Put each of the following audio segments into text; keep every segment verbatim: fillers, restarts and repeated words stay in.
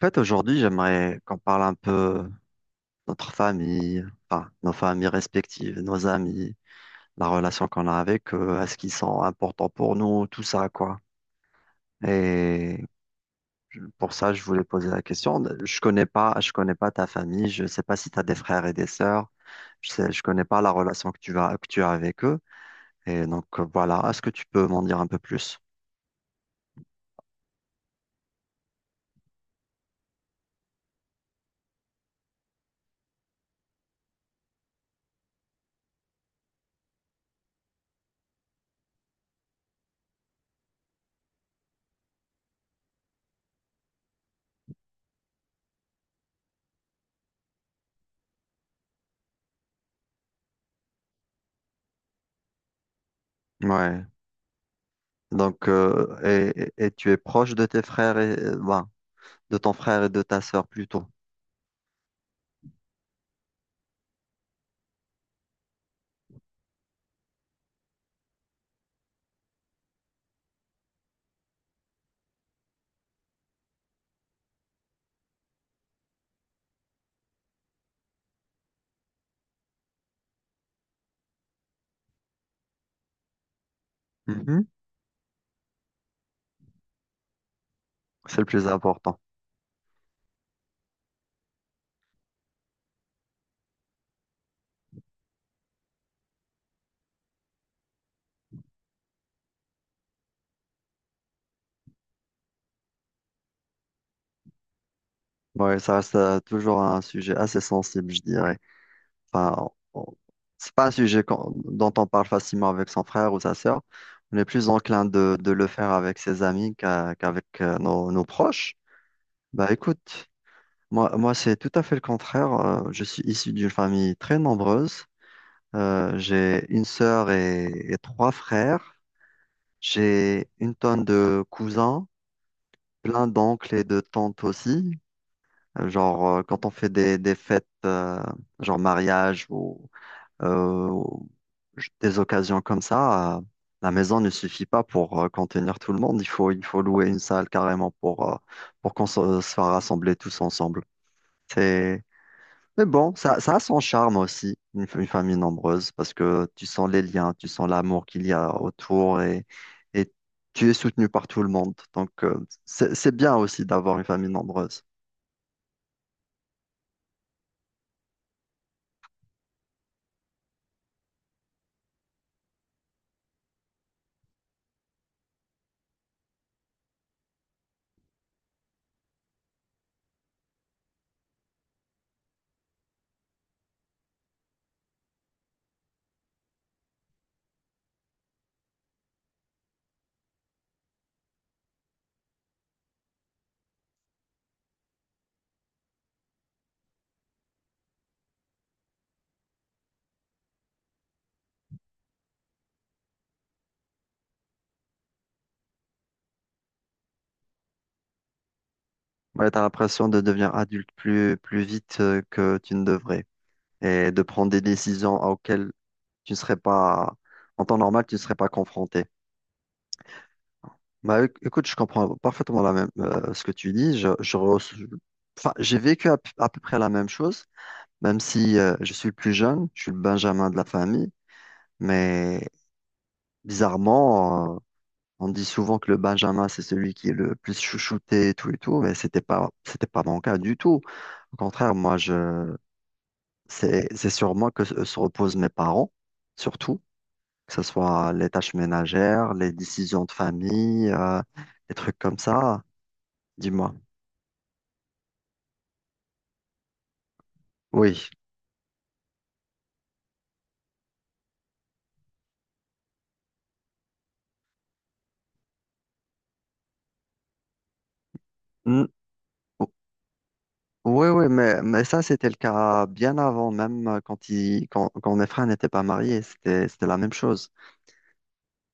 En fait, aujourd'hui, j'aimerais qu'on parle un peu de notre famille, enfin, nos familles respectives, nos amis, la relation qu'on a avec eux, est-ce qu'ils sont importants pour nous, tout ça, quoi. Et pour ça, je voulais poser la question. Je connais pas, je connais pas ta famille, je sais pas si tu as des frères et des sœurs, je sais, je connais pas la relation que tu as, que tu as avec eux. Et donc, euh, voilà, est-ce que tu peux m'en dire un peu plus? Ouais. Donc, euh, et, et- et tu es proche de tes frères et, euh, ben. de ton frère et de ta sœur plutôt. Mhm. C'est le plus important. Ouais, ça reste euh, toujours un sujet assez sensible, je dirais. Enfin, on- c'est pas un sujet qu'on- dont on parle facilement avec son frère ou sa sœur. On est plus enclin de, de le faire avec ses amis qu'à- qu'avec euh, nos, nos proches. Bah écoute. Moi, moi, c'est tout à fait le contraire. Euh, Je suis issu d'une famille très nombreuse. Euh, j'ai une sœur et, et trois frères. J'ai une tonne de cousins, plein d'oncles et de tantes aussi. Euh, Genre, euh, quand on fait des, des fêtes, euh, genre mariage ou euh, ou des occasions comme ça, euh, la maison ne suffit pas pour euh, contenir tout le monde. Il faut, il faut louer une salle carrément pour, euh, pour qu'on se, se fasse rassembler tous ensemble. Mais bon, ça, ça a son charme aussi, une, f- une famille nombreuse, parce que tu sens les liens, tu sens l'amour qu'il y a autour et, et tu es soutenu par tout le monde. Donc, euh, c'est, c'est bien aussi d'avoir une famille nombreuse. Ouais, tu as l'impression de devenir adulte plus, plus vite euh, que tu ne devrais et de prendre des décisions auxquelles tu ne serais pas, en temps normal, tu ne serais pas confronté. Bah, éc- écoute, je comprends parfaitement la même, euh, ce que tu dis. Je, je, re- enfin, j'ai vécu à p- à peu près la même chose. Même si euh, je suis le plus jeune, je suis le Benjamin de la famille, mais bizarrement, euh, on dit souvent que le Benjamin, c'est celui qui est le plus chouchouté et tout et tout, mais c'était pas, c'était pas mon cas du tout. Au contraire, moi, je, c'est, c'est sur moi que se se reposent mes parents, surtout, que ce soit les tâches ménagères, les décisions de famille, euh, des trucs comme ça. Dis-moi. Oui. Mm. Oui, oui, mais, mais ça, c'était le cas bien avant, même euh, quand, il, quand, quand mes frères n'étaient pas mariés, c'était, c'était la même chose.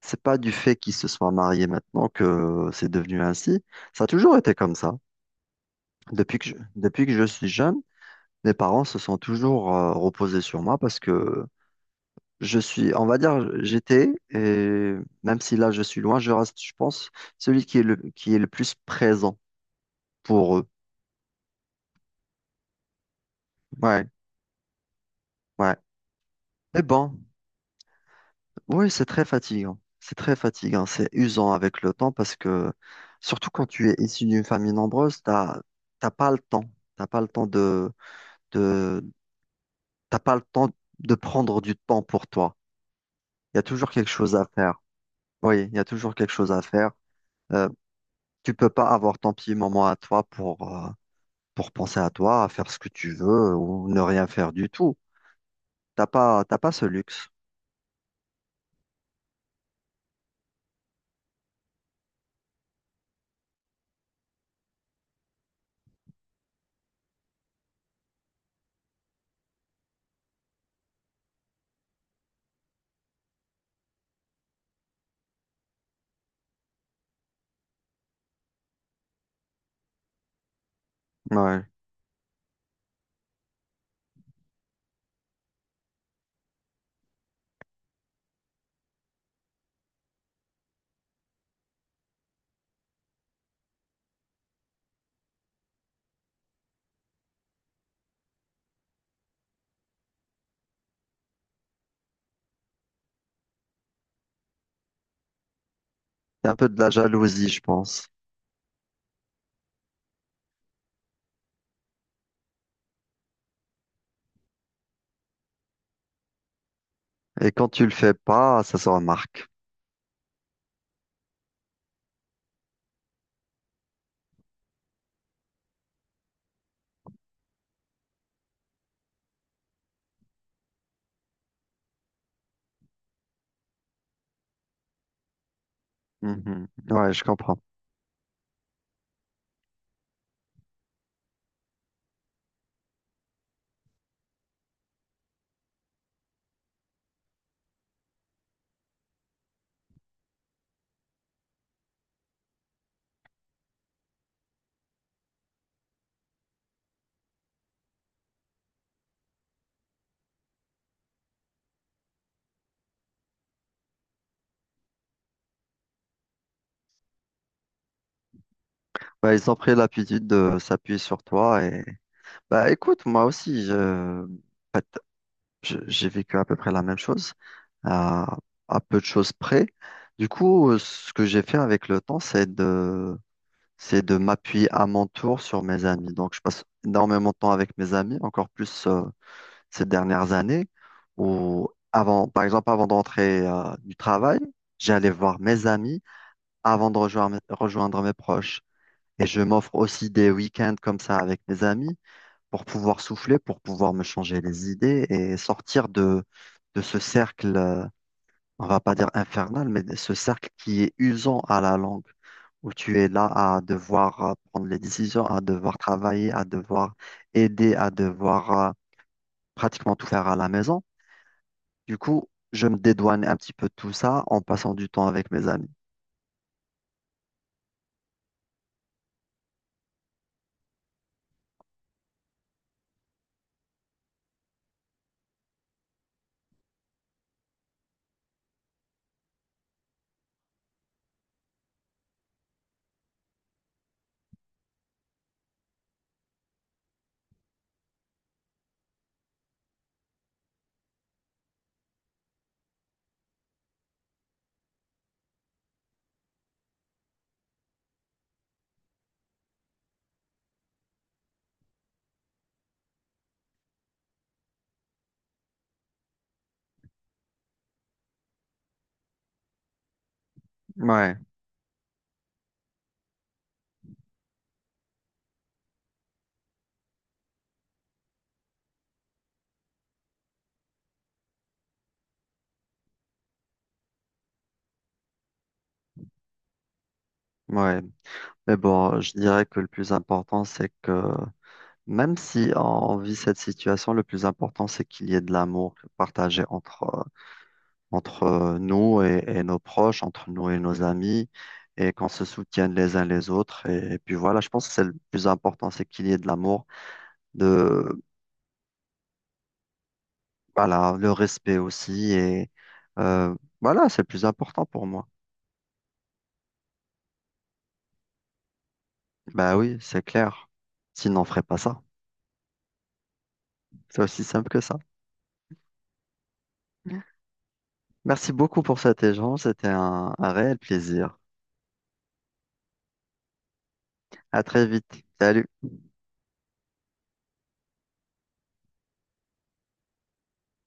C'est pas du fait qu'ils se soient mariés maintenant que c'est devenu ainsi. Ça a toujours été comme ça. Depuis que je, depuis que je suis jeune, mes parents se sont toujours euh, reposés sur moi parce que je suis, on va dire, j'étais, et même si là je suis loin, je reste, je pense, celui qui est le, qui est le plus présent pour eux. Ouais, ouais. Mais bon. Oui, c'est très fatigant. C'est très fatigant. C'est usant avec le temps parce que, surtout quand tu es issu d'une famille nombreuse, t'as, t'as pas le temps. T'as pas le temps de, de, t'as pas le temps de prendre du temps pour toi. Il y a toujours quelque chose à faire. Oui, il y a toujours quelque chose à faire. Euh, Tu peux pas avoir ton petit moment à toi pour, euh, pour penser à toi, à faire ce que tu veux ou ne rien faire du tout. T'as pas, t'as pas ce luxe. Ouais. C'est un peu de la jalousie, je pense. Et quand tu le fais pas, ça se remarque. Mhm. Ouais, je comprends. Bah, ils ont pris l'habitude de s'appuyer sur toi et bah écoute, moi aussi, je... en fait, je- j'ai vécu à peu près la même chose, à... à peu de choses près. Du coup, euh, ce que j'ai fait avec le temps, c'est de c'est de m'appuyer à mon tour sur mes amis. Donc, je passe énormément de temps avec mes amis, encore plus euh, ces dernières années, où avant, par exemple, avant d'entrer euh, du travail, j'allais voir mes amis avant de rejoindre, rejoindre mes proches. Et je m'offre aussi des week-ends comme ça avec mes amis pour pouvoir souffler, pour pouvoir me changer les idées et sortir de, de ce cercle, euh, on va pas dire infernal, mais de ce cercle qui est usant à la langue, où tu es là à devoir euh, prendre les décisions, à devoir travailler, à devoir aider, à devoir euh, pratiquement tout faire à la maison. Du coup, je me dédouane un petit peu de tout ça en passant du temps avec mes amis. Ouais, ouais. Mais bon, je dirais que le plus important, c'est que même si on vit cette situation, le plus important, c'est qu'il y ait de l'amour partagé entre, euh, entre euh, nous et, et nos proches, entre nous et nos amis, et qu'on se soutienne les uns les autres. Et, et puis voilà, je pense que c'est le plus important, c'est qu'il y ait de l'amour, de, voilà, le respect aussi. Et euh, voilà, c'est le plus important pour moi. Ben oui, c'est clair. Sinon, on ferait pas ça. C'est aussi simple que ça. Merci beaucoup pour cet échange. C'était un un réel plaisir. À très vite. Salut.